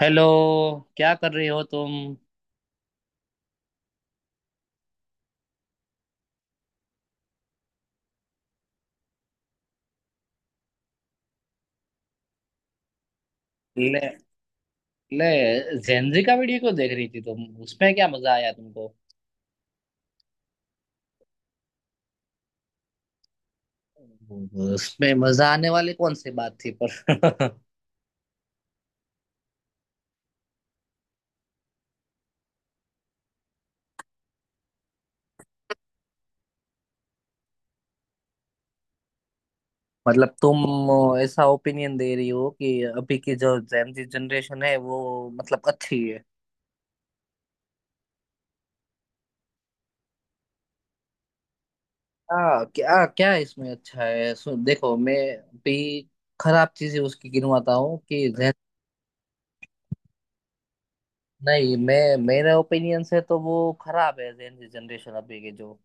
Hello. क्या कर रही हो तुम? ले ले जेनजी का वीडियो क्यों देख रही थी तुम? उसमें क्या मजा आया तुमको? उसमें मजा आने वाली कौन सी बात थी पर? मतलब तुम ऐसा ओपिनियन दे रही हो कि अभी की जो जेनजी जनरेशन है वो मतलब अच्छी है? क्या क्या इसमें अच्छा है? देखो मैं भी खराब चीजें उसकी गिनवाता हूँ कि नहीं, मैं मेरे ओपिनियन से तो वो खराब है जेनजी जनरेशन अभी की जो।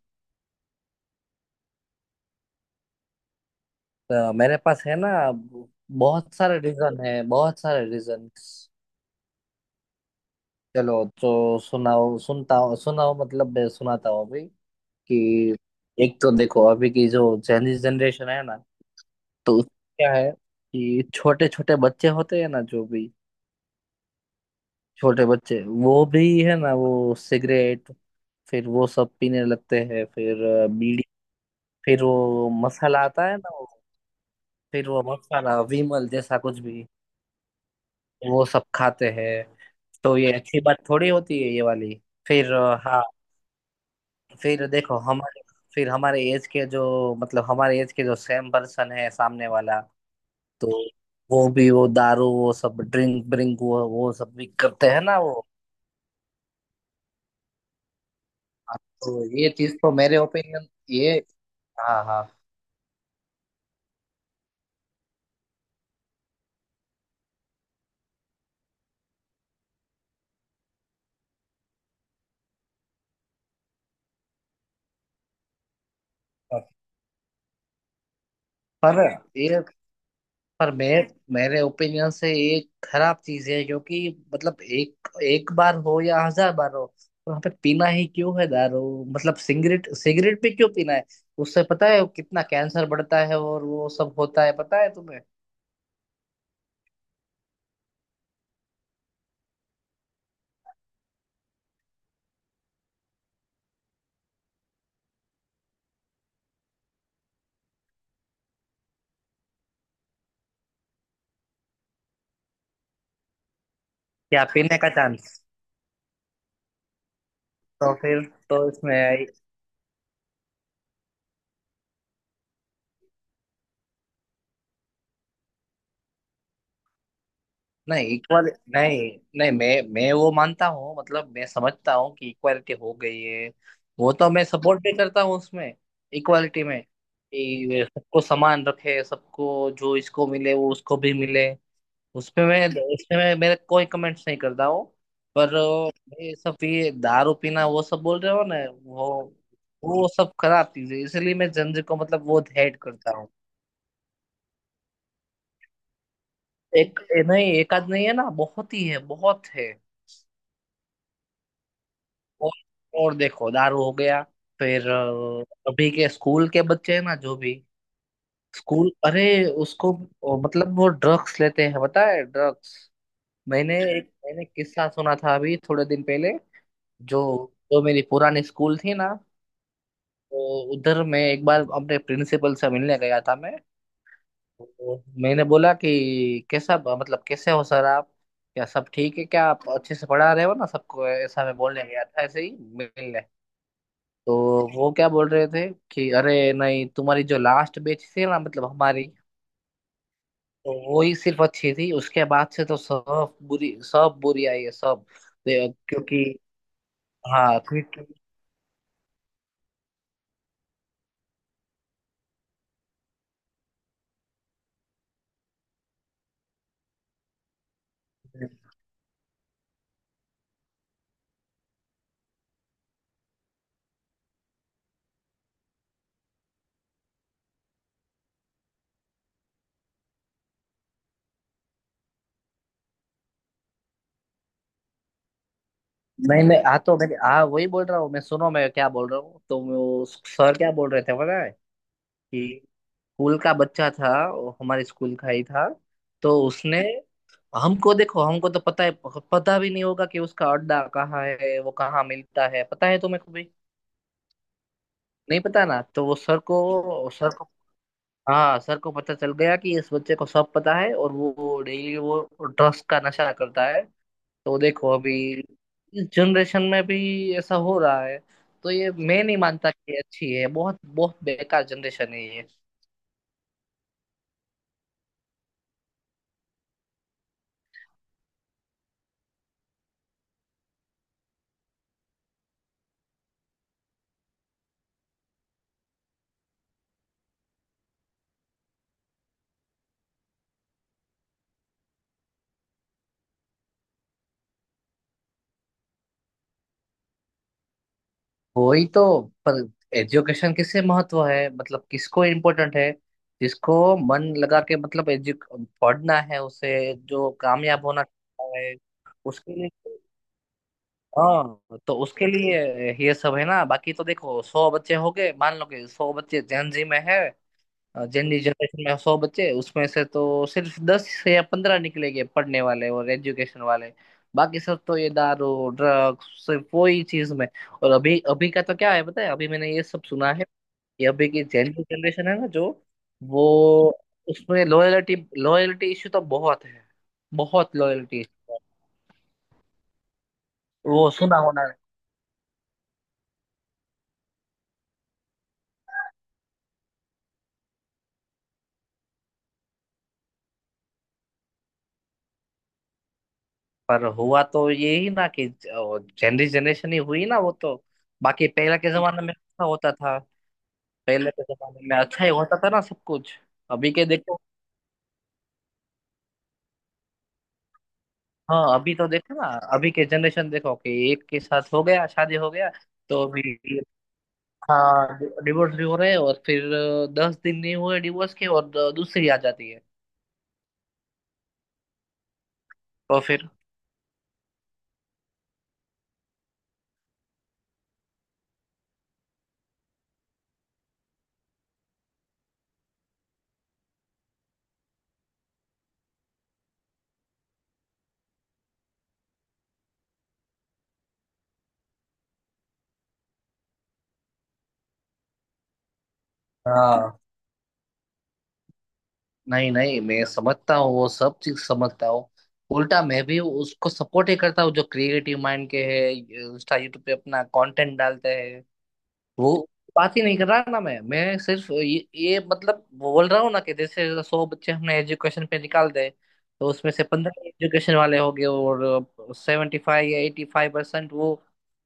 तो मेरे पास है ना, बहुत सारे रीजन है, बहुत सारे रीजन। चलो तो सुनाओ, सुनता हूँ। सुनाओ, मतलब मैं सुनाता हूँ अभी कि एक तो देखो अभी की जो चाइनीज जनरेशन है ना, तो उसमें क्या है कि छोटे छोटे बच्चे होते हैं ना, जो भी छोटे बच्चे, वो भी है ना, वो सिगरेट, फिर वो सब पीने लगते हैं। फिर बीड़ी, फिर वो मसाला आता है ना वो, फिर वो मसाला विमल जैसा कुछ भी वो सब खाते हैं। तो ये अच्छी बात थोड़ी होती है ये वाली? फिर हाँ, फिर देखो हमारे, फिर हमारे एज के जो, मतलब हमारे एज के जो सेम पर्सन है सामने वाला, तो वो भी वो दारू वो सब ड्रिंक ब्रिंक, वो सब भी करते हैं ना वो। हाँ, तो ये चीज तो मेरे ओपिनियन, ये, हाँ हाँ, पर ये पर मैं मेरे ओपिनियन से ये खराब चीज है क्योंकि मतलब एक एक बार हो या 1000 बार हो, वहां पे पीना ही क्यों है दारू? मतलब सिगरेट सिगरेट भी क्यों पीना है? उससे पता है कितना कैंसर बढ़ता है और वो सब होता है, पता है तुम्हें? क्या पीने का चांस? तो फिर, तो इसमें नहीं, इक्वल, नहीं, नहीं, मैं वो मानता हूँ, मतलब मैं समझता हूँ कि इक्वालिटी हो गई है। वो तो मैं सपोर्ट भी करता हूँ उसमें, इक्वालिटी में, कि वे सबको समान रखे, सबको जो इसको मिले वो उसको भी मिले। उसमें मैं उसमें मैं मेरे कोई कमेंट्स नहीं करता हूँ। पर ये सब, ये दारू पीना वो सब बोल रहे हो ना, वो वो सब खराब चीज है, इसलिए मैं जंजीर को मतलब वो हेट करता हूँ। एक नहीं एक आध नहीं है ना, बहुत ही है, बहुत है। और और देखो दारू हो गया, फिर अभी के स्कूल के बच्चे हैं ना, जो भी स्कूल, अरे उसको, मतलब वो ड्रग्स लेते हैं, पता है? ड्रग्स। मैंने किस्सा सुना था अभी थोड़े दिन पहले। जो जो मेरी पुरानी स्कूल थी ना, तो उधर मैं एक बार अपने प्रिंसिपल से मिलने गया था मैं। तो मैंने बोला कि कैसा, मतलब कैसे हो सर आप? क्या सब ठीक है? क्या आप अच्छे से पढ़ा रहे हो ना सबको? ऐसा मैं बोलने गया था ऐसे ही मिलने। तो वो क्या बोल रहे थे, कि अरे नहीं तुम्हारी जो लास्ट बैच थी ना मतलब हमारी, तो वो ही सिर्फ अच्छी थी, उसके बाद से तो सब बुरी, सब बुरी आई है सब। क्योंकि, हाँ क्योंकि नहीं नहीं, हाँ तो मैं हाँ वही बोल रहा हूँ मैं। सुनो मैं क्या बोल रहा हूँ, तो वो सर क्या बोल रहे थे पता है, कि स्कूल का बच्चा था, वो हमारे स्कूल का ही था। तो उसने हमको, देखो हमको तो पता है, पता भी नहीं होगा कि उसका अड्डा कहाँ है, वो कहाँ मिलता है, पता है तुम्हें? नहीं पता ना, तो वो सर को हाँ, सर को पता चल गया कि इस बच्चे को सब पता है, और वो डेली वो ड्रग्स का नशा करता है। तो देखो अभी इस जनरेशन में भी ऐसा हो रहा है। तो ये मैं नहीं मानता कि अच्छी है, बहुत बहुत बेकार जनरेशन है ये। वही तो, पर एजुकेशन किसे महत्व है, मतलब किसको इम्पोर्टेंट है? जिसको मन लगा के, मतलब एजु पढ़ना है, उसे, जो कामयाब होना चाहता है उसके लिए। हाँ तो उसके लिए ये सब है ना, बाकी तो देखो 100 बच्चे हो गए, मान लो कि 100 बच्चे जेन जी में है, जेन जी जनरेशन में 100 बच्चे, उसमें से तो सिर्फ 10 या 15 निकलेंगे पढ़ने वाले और एजुकेशन वाले, बाकी सब तो ये दारू ड्रग्स सिर्फ वो ही चीज में। और अभी अभी का तो क्या है, पता है, अभी मैंने ये सब सुना है, कि अभी की जेन जी जनरेशन है ना जो, वो उसमें लॉयलिटी, लॉयलिटी इश्यू तो बहुत है, बहुत लॉयलिटी। वो सुना होना। पर हुआ तो यही ना, कि जनरी जनरेशन ही हुई ना वो तो। बाकी पहले के जमाने में अच्छा होता था, पहले के जमाने में अच्छा ही होता था ना सब कुछ। अभी के देखो, हाँ अभी तो देखो ना, अभी के जनरेशन देखो कि एक के साथ हो गया, शादी हो गया, तो अभी, हाँ डिवोर्स भी हो रहे हैं, और फिर 10 दिन नहीं हुए डिवोर्स के और दूसरी आ जाती है। तो फिर, हाँ, नहीं नहीं मैं समझता हूँ, वो सब चीज समझता हूँ। उल्टा मैं भी उसको सपोर्ट ही करता हूँ, जो क्रिएटिव माइंड के है इंस्टा यूट्यूब पे अपना कंटेंट डालते हैं वो। बात ही नहीं कर रहा ना मैं सिर्फ ये मतलब बोल रहा हूँ ना, कि जैसे 100 बच्चे हमने एजुकेशन पे निकाल दे, तो उसमें से 15 एजुकेशन वाले हो गए और 75 या 85% वो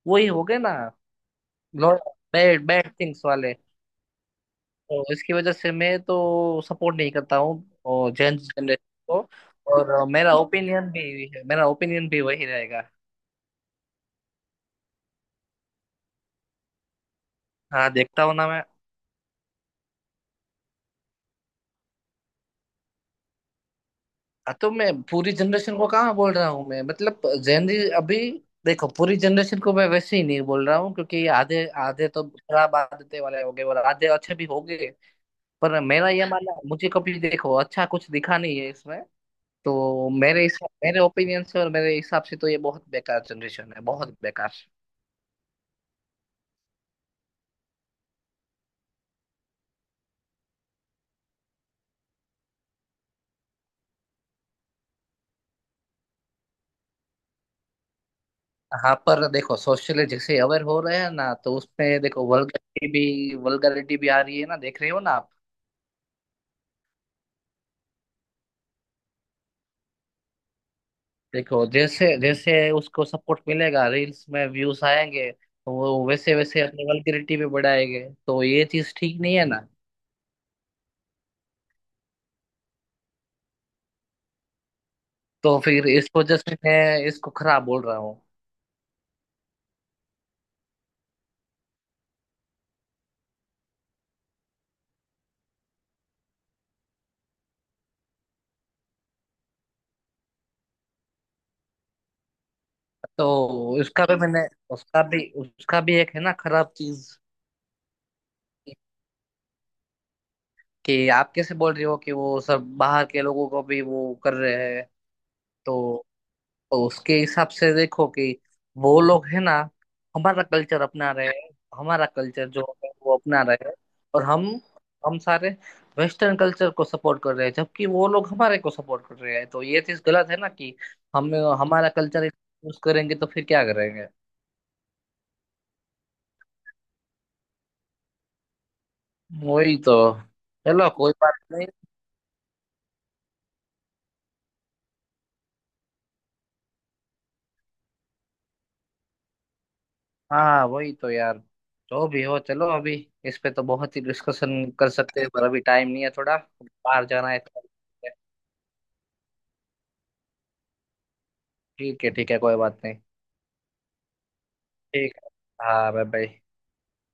वो ही हो गए ना, बैड बैड थिंग्स वाले। तो इसकी वजह से मैं तो सपोर्ट नहीं करता हूँ और जेन जनरेशन को। और मेरा ओपिनियन भी है, मेरा ओपिनियन भी वही रहेगा। हाँ देखता हूँ ना मैं। हाँ, तो मैं पूरी जनरेशन को कहाँ बोल रहा हूँ मैं, मतलब जेन, अभी देखो पूरी जनरेशन को मैं वैसे ही नहीं बोल रहा हूँ, क्योंकि आधे आधे तो खराब आदतें वाले हो गए और आधे अच्छे भी हो गए। पर मेरा ये मानना, मुझे कभी देखो अच्छा कुछ दिखा नहीं है इसमें। तो मेरे हिसाब, मेरे ओपिनियन से और मेरे हिसाब से तो ये बहुत बेकार जनरेशन है, बहुत बेकार। हाँ पर देखो, सोशल जैसे अवेयर हो रहे हैं ना, तो उसमें देखो वल्गरिटी भी, वल्गरिटी भी आ रही है ना, देख रहे हो ना आप? देखो जैसे जैसे उसको सपोर्ट मिलेगा, रील्स में व्यूज आएंगे, तो वो वैसे वैसे अपनी वल्गरिटी भी बढ़ाएंगे, तो ये चीज ठीक नहीं है ना। तो फिर इस वजह से मैं इसको खराब बोल रहा हूँ। तो उसका भी मैंने उसका भी उसका भी एक है ना खराब चीज, कि आप कैसे बोल रहे हो कि वो सब बाहर के लोगों को भी वो कर रहे हैं? तो तो उसके हिसाब से देखो कि वो लोग है ना, हमारा कल्चर अपना रहे हैं, हमारा कल्चर जो है वो अपना रहे हैं। और हम सारे वेस्टर्न कल्चर को सपोर्ट कर रहे हैं, जबकि वो लोग हमारे को सपोर्ट कर रहे हैं, तो ये चीज गलत है ना कि हम हमारा कल्चर यूज करेंगे तो फिर क्या करेंगे? वही तो। चलो कोई बात नहीं। हाँ वही तो यार, जो भी हो, चलो अभी इस पे तो बहुत ही डिस्कशन कर सकते हैं, पर अभी टाइम नहीं है थोड़ा, बाहर जाना है तो। ठीक है, ठीक है, कोई बात नहीं। ठीक है, हाँ, बाय बाय।